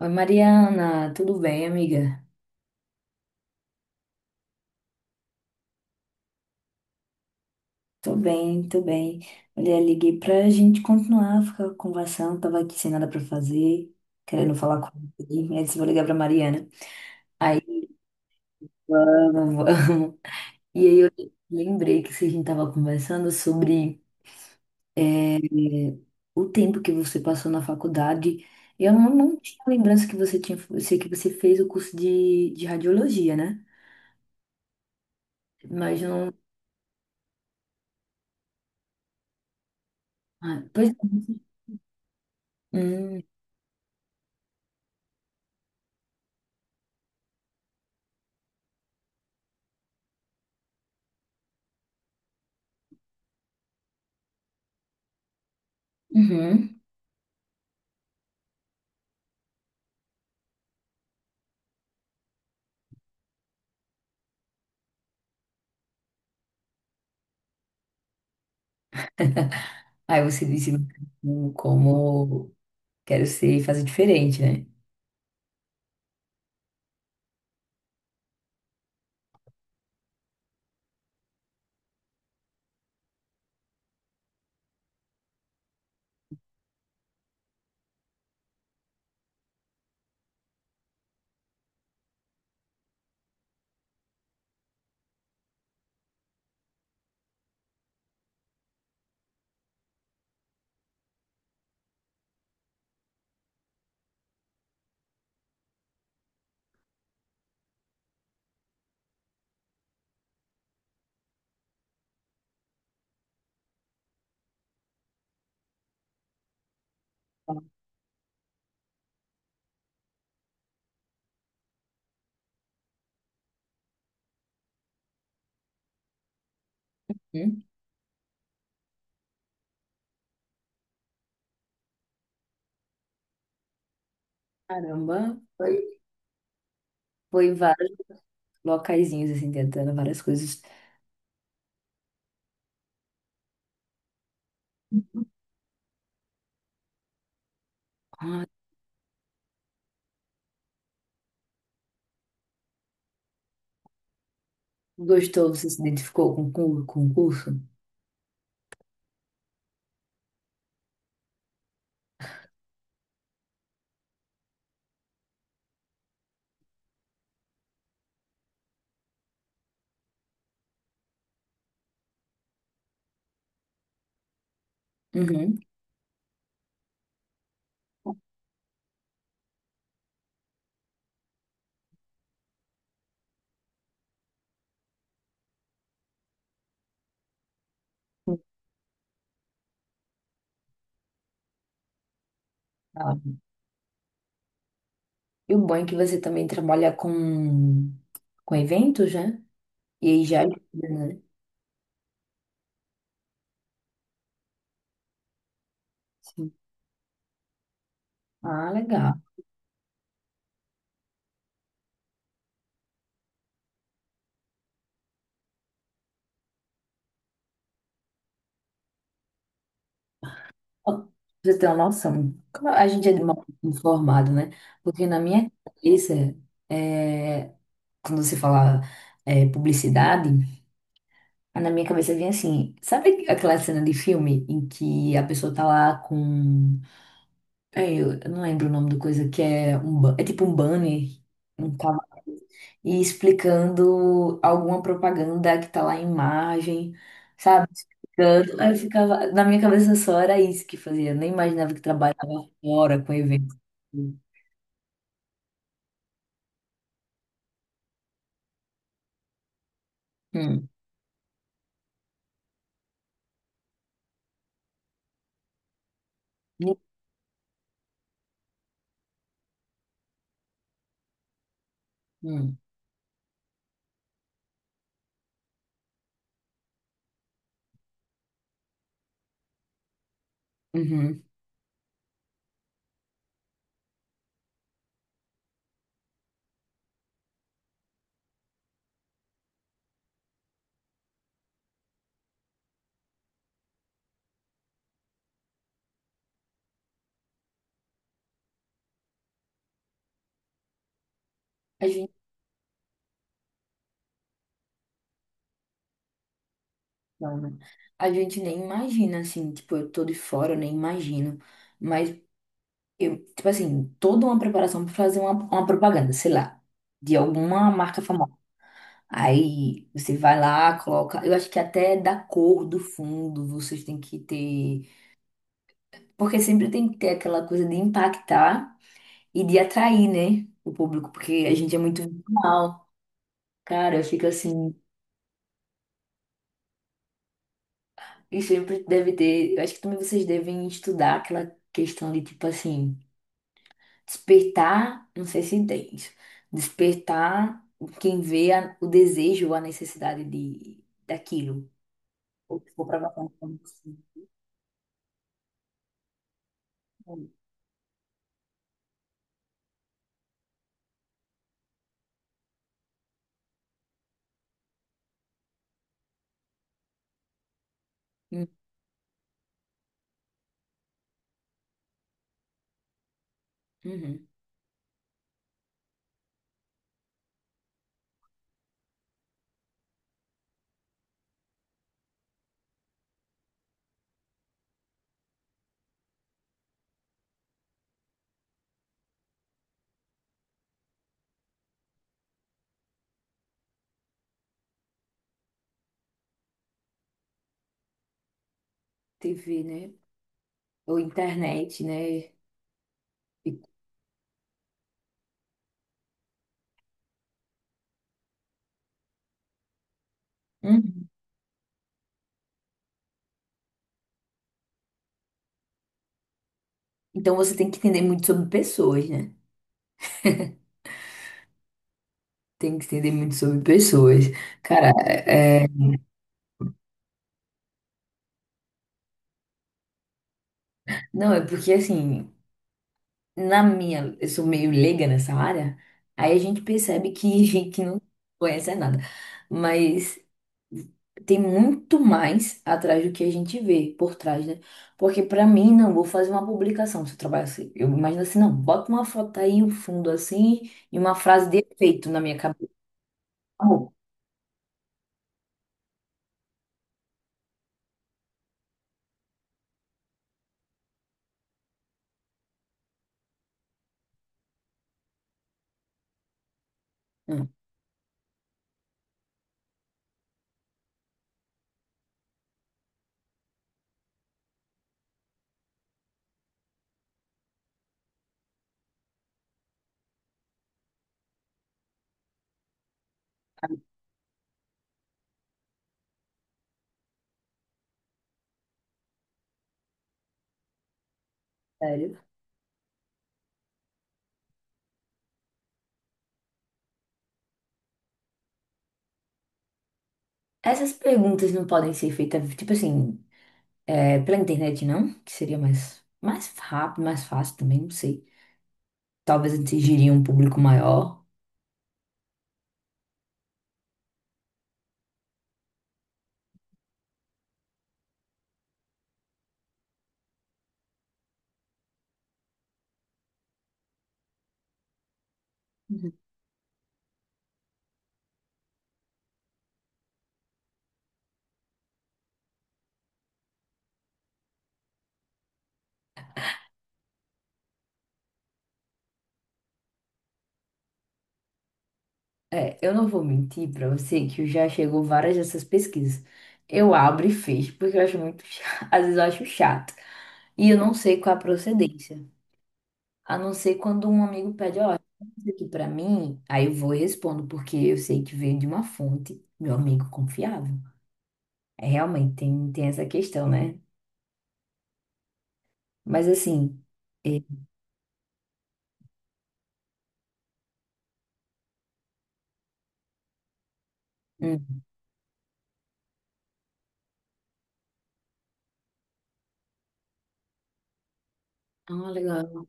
Oi, Mariana, tudo bem, amiga? Tô bem. Olha, liguei pra gente continuar, ficar conversando. Tava aqui sem nada pra fazer, querendo falar com alguém. Aí disse, vou ligar pra Mariana. Aí, vamos, vamos. E aí eu lembrei que a gente tava conversando sobre eh, o tempo que você passou na faculdade. Eu não tinha lembrança que você tinha, eu sei que você fez o curso de radiologia, né? Mas não. Ah, pois. É. Hum, uhum. Aí você disse como quero ser e fazer diferente, né? Hum, caramba, foi, foi em vários locaizinhos, assim, tentando várias coisas. Ah, gostou, você se identificou com o concurso? Uhum. Ah, e o bom é que você também trabalha com eventos, né? E aí já ajuda, né? Sim. Ah, legal. Ó, pra você tem uma noção. Como a gente é mal informado, né? Porque na minha cabeça, é, quando você fala publicidade, na minha cabeça vem assim, sabe aquela cena de filme em que a pessoa tá lá com, eu não lembro o nome da coisa, que é um, é tipo um banner, um e explicando alguma propaganda que tá lá em imagem, sabe? Explicando. Aí eu ficava, na minha cabeça só era isso que fazia, eu nem imaginava que trabalhava fora com eventos. Hum, hum, hum, uhum. Não, né? A gente nem imagina, assim, tipo, eu tô de fora, eu nem imagino. Mas, eu, tipo assim, toda uma preparação pra fazer uma propaganda, sei lá, de alguma marca famosa. Aí você vai lá, coloca. Eu acho que até da cor do fundo vocês têm que ter. Porque sempre tem que ter aquela coisa de impactar e de atrair, né? O público, porque a gente é muito visual. Cara, eu fico assim. E sempre deve ter. Eu acho que também vocês devem estudar aquela questão de, tipo assim. Despertar, não sei se entende, despertar quem vê o desejo, ou a necessidade de, daquilo. Ou que for provocando como assim. Hum, uhum. TV, né? Ou internet, né? Uhum. Então você tem que entender muito sobre pessoas, né? Tem que entender muito sobre pessoas. Cara, não, é porque assim, na minha, eu sou meio leiga nessa área, aí a gente percebe que, que não conhece nada. Mas tem muito mais atrás do que a gente vê por trás, né? Porque pra mim, não, vou fazer uma publicação. Se eu trabalho assim, eu imagino assim, não, bota uma foto aí, um fundo assim, e uma frase de efeito na minha cabeça. Amor, não, cara, sério. Essas perguntas não podem ser feitas, tipo assim, pela internet, não? Que seria mais rápido, mais fácil também, não sei. Talvez atingiria um público maior. É, eu não vou mentir pra você que eu já chegou várias dessas pesquisas. Eu abro e fecho, porque eu acho muito chato, às vezes eu acho chato. E eu não sei qual é a procedência. A não ser quando um amigo pede, ó, isso aqui pra mim, aí eu vou e respondo, porque eu sei que veio de uma fonte, meu amigo confiável. É, realmente, tem essa questão, né? Mas assim, é, hum, ah, legal,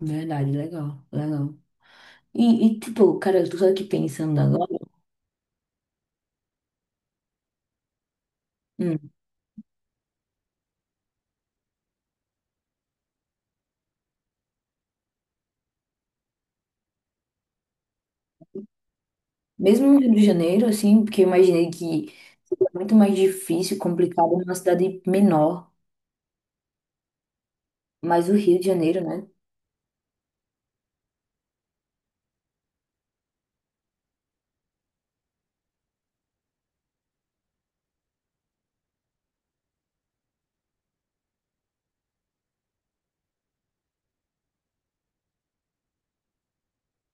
verdade, legal, legal. E tipo, cara, eu tô só aqui pensando agora. Hum. Mesmo no Rio de Janeiro, assim, porque eu imaginei que seria muito mais difícil, complicado numa cidade menor, mas o Rio de Janeiro, né?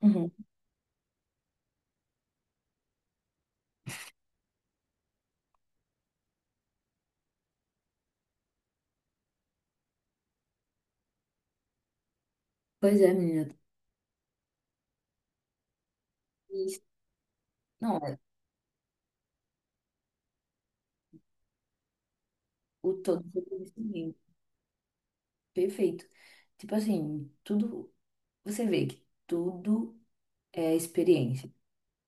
Uhum. Pois é, menina. Isso. Não, é o todo foi conhecimento. Perfeito. Tipo assim, tudo. Você vê que tudo é experiência.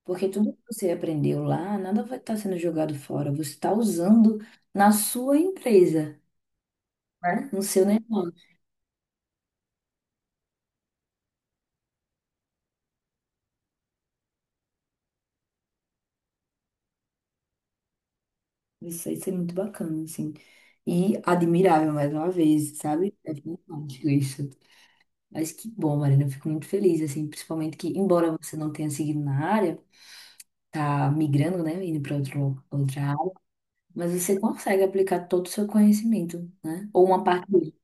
Porque tudo que você aprendeu lá, nada vai estar sendo jogado fora. Você está usando na sua empresa, né? No seu negócio. Isso aí ser muito bacana, assim. E admirável, mais uma vez, sabe? É fantástico isso. Mas que bom, Marina. Eu fico muito feliz, assim. Principalmente que, embora você não tenha seguido na área, tá migrando, né? Indo para outra área. Mas você consegue aplicar todo o seu conhecimento, né? Ou uma parte dele.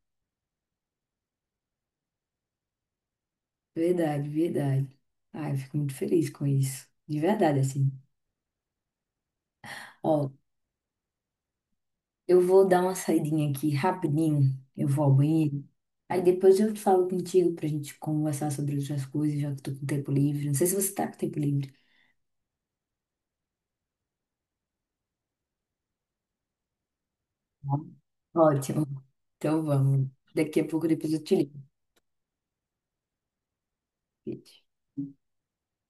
Verdade, verdade. Ai, eu fico muito feliz com isso. De verdade, assim. Ó, eu vou dar uma saidinha aqui rapidinho. Eu vou ao banheiro. Aí depois eu falo contigo pra gente conversar sobre outras coisas, já que eu tô com tempo livre. Não sei se você tá com tempo livre. Tá. Ótimo. Então vamos. Daqui a pouco depois eu te ligo. Beijo.